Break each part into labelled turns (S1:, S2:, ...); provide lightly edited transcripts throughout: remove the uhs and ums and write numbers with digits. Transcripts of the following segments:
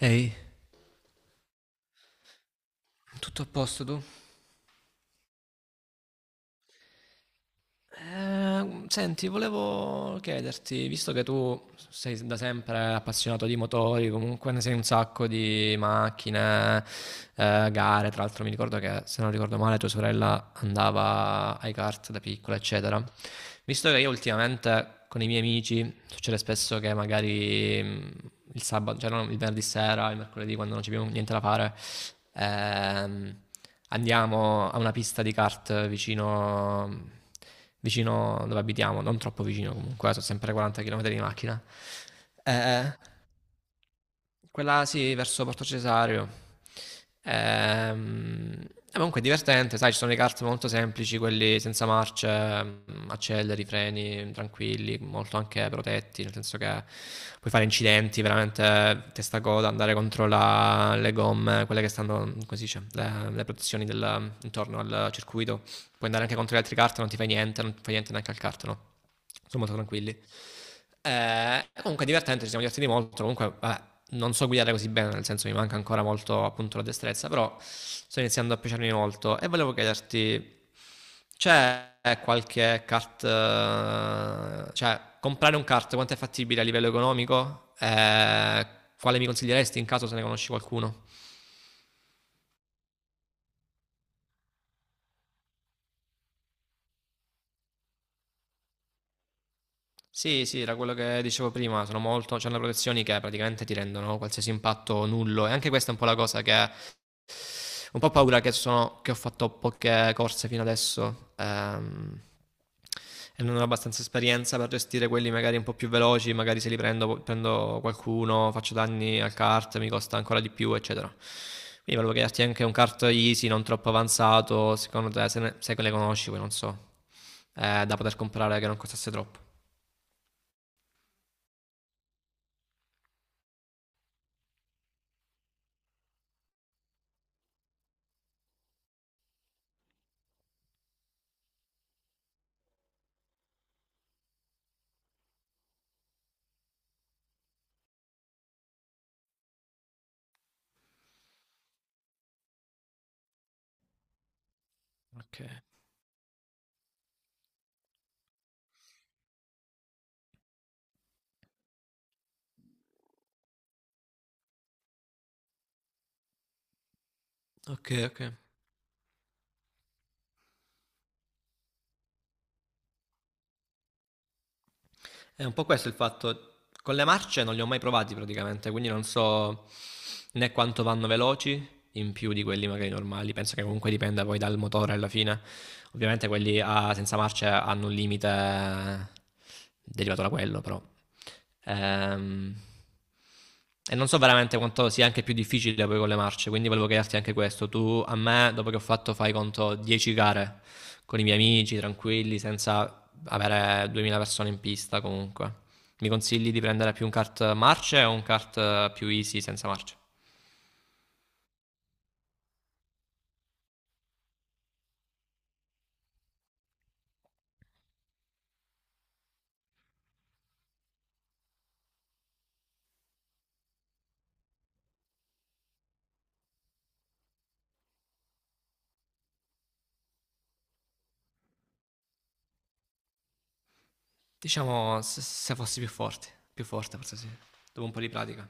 S1: Ehi, tutto a posto tu? Senti, volevo chiederti, visto che tu sei da sempre appassionato di motori, comunque ne sei un sacco di macchine, gare, tra l'altro mi ricordo che, se non ricordo male, tua sorella andava ai kart da piccola, eccetera. Visto che io ultimamente con i miei amici succede spesso che magari il sabato, cioè no, il venerdì sera, il mercoledì, quando non c'è più niente da fare, Ehm, andiamo a una pista di kart vicino, vicino dove abitiamo, non troppo vicino comunque, sono sempre 40 km di macchina. Eh, quella sì, verso Porto Cesareo. Ehm, comunque è divertente, sai, ci sono i kart molto semplici, quelli senza marce, acceleri, freni, tranquilli, molto anche protetti, nel senso che puoi fare incidenti, veramente testa a coda, andare contro le gomme, quelle che stanno, come si dice, le protezioni del- intorno al circuito. Puoi andare anche contro gli altri kart, non ti fai niente, non fai niente neanche al kart, no? Sono molto tranquilli. Comunque è divertente, ci siamo divertiti molto. Comunque, non so guidare così bene, nel senso mi manca ancora molto appunto la destrezza, però sto iniziando a piacermi molto e volevo chiederti, c'è qualche kart, cioè comprare un kart quanto è fattibile a livello economico? Quale mi consiglieresti in caso se ne conosci qualcuno? Sì, sì, era quello che dicevo prima, sono molto, c'hanno protezioni che praticamente ti rendono qualsiasi impatto nullo e anche questa è un po' la cosa che un po' paura che, sono, che ho fatto poche corse fino adesso, e non ho abbastanza esperienza per gestire quelli magari un po' più veloci, magari se li prendo, prendo qualcuno, faccio danni al kart, mi costa ancora di più, eccetera. Quindi volevo chiederti anche un kart easy, non troppo avanzato, secondo te, se, ne, se le conosci, poi non so, da poter comprare che non costasse troppo. Ok, ok, ok. È un po' questo il fatto, con le marce non li ho mai provati praticamente, quindi non so né quanto vanno veloci in più di quelli magari normali, penso che comunque dipenda poi dal motore alla fine. Ovviamente quelli a- senza marce hanno un limite derivato da quello, però. Ehm, E non so veramente quanto sia anche più difficile poi con le marce, quindi volevo chiederti anche questo. Tu a me, dopo che ho fatto, fai conto 10 gare con i miei amici, tranquilli, senza avere 2000 persone in pista comunque. Mi consigli di prendere più un kart marce o un kart più easy senza marce? Diciamo se, se fossi più forte forse sì, dopo un po' di pratica.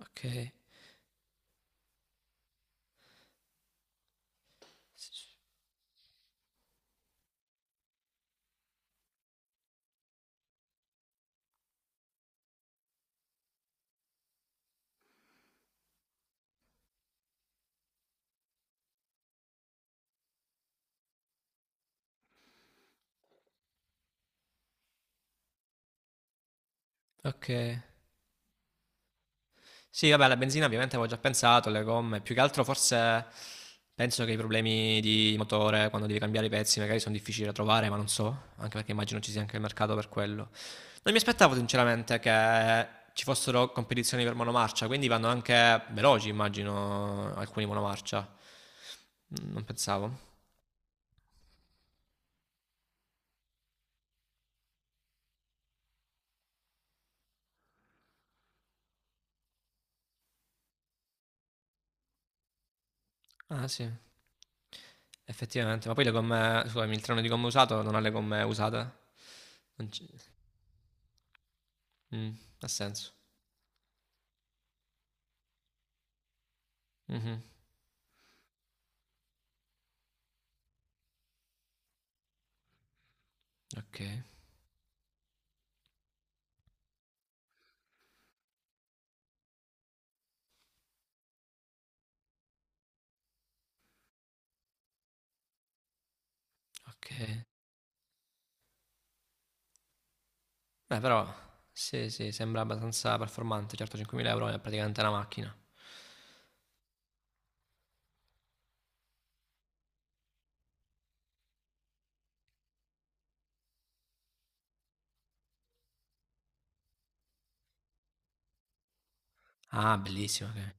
S1: Ok. Ok. Sì, vabbè, la benzina ovviamente avevo già pensato, le gomme, più che altro forse penso che i problemi di motore quando devi cambiare i pezzi magari sono difficili da trovare, ma non so, anche perché immagino ci sia anche il mercato per quello. Non mi aspettavo sinceramente che ci fossero competizioni per monomarcia, quindi vanno anche veloci, immagino, alcuni monomarcia. Mm, non pensavo. Ah sì, effettivamente, ma poi le gomme, scusami, il treno di gomme usato non ha le gomme usate? Non ci- Mm, ha senso. Mhm. Ok, ok. Beh, però, sì, sì, sembra abbastanza performante. Certo, 5.000 euro è praticamente una macchina. Ah, bellissimo, ok.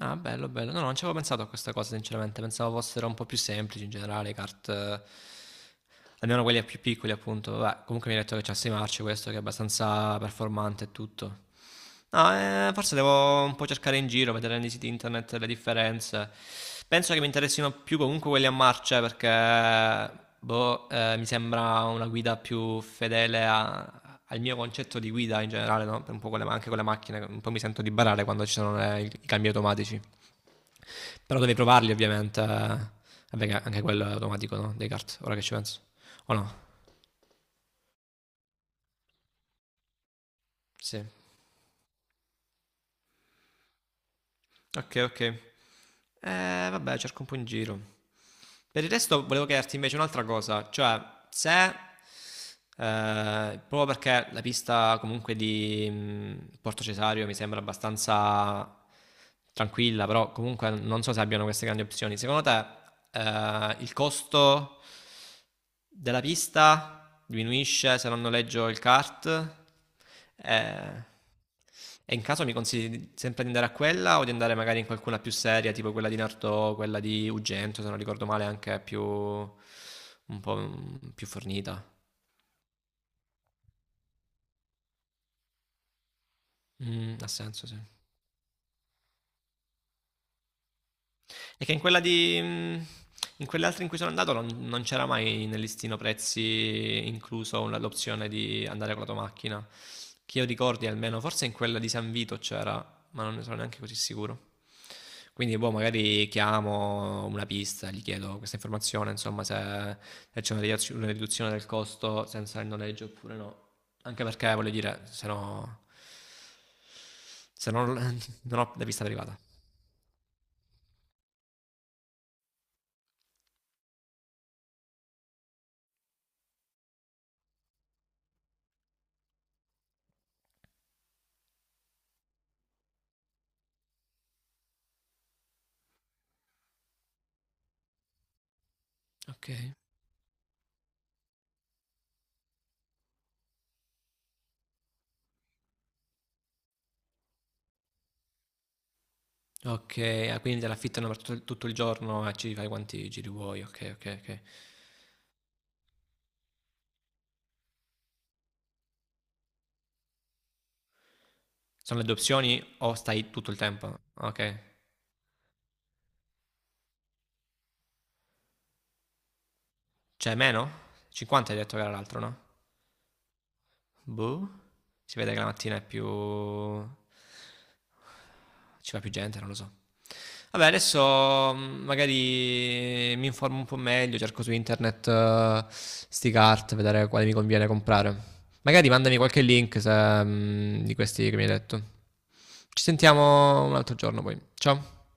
S1: Ah, bello, bello. No, no, non ci avevo pensato a questa cosa, sinceramente. Pensavo fossero un po' più semplici in generale, kart... almeno quelli più piccoli, appunto. Vabbè, comunque mi hai detto che c'è 6 marce questo, che è abbastanza performante e tutto. No, forse devo un po' cercare in giro, vedere nei siti internet le differenze. Penso che mi interessino più comunque quelli a marce perché boh, mi sembra una guida più fedele al mio concetto di guida in generale, no? Per un po' con anche con le macchine, un po' mi sento di barare quando ci sono i cambi automatici. Però devi provarli ovviamente, eh. Vabbè, che anche quello è automatico, no? Dei kart, ora che ci penso. O no? Sì. Ok, ok. Vabbè, cerco un po' in giro. Per il resto volevo chiederti invece un'altra cosa, cioè se, proprio perché la pista comunque di Porto Cesario mi sembra abbastanza tranquilla, però comunque non so se abbiano queste grandi opzioni, secondo te il costo della pista diminuisce se non noleggio il kart? Eh, e in caso mi consigli sempre di andare a quella o di andare magari in qualcuna più seria, tipo quella di Nardò, quella di Ugento, se non ricordo male, anche più un po' più fornita. Mm, ha senso, sì. E che in quella di in quelle altre in cui sono andato non, non c'era mai nel listino prezzi incluso una- l'opzione di andare con la tua macchina. Che io ricordi almeno, forse in quella di San Vito c'era, ma non ne sono neanche così sicuro. Quindi, boh, magari chiamo una pista, gli chiedo questa informazione, insomma, se, se c'è una ridazio- una riduzione del costo senza il noleggio oppure no. Anche perché, voglio dire, se no, se no non ho la pista privata. Ok. Ok, ah, quindi te l'affittano per tutto, tutto il giorno e ci fai quanti giri vuoi. Ok, ok, ok. Sono le due opzioni o stai tutto il tempo? Ok. Cioè, meno? 50 hai detto che era l'altro, no? Boh. Si vede che la mattina è più... ci va più gente, non lo so. Vabbè, adesso magari mi informo un po' meglio, cerco su internet sti cart, vedere quale mi conviene comprare. Magari mandami qualche link se, di questi che mi hai detto. Ci sentiamo un altro giorno poi. Ciao.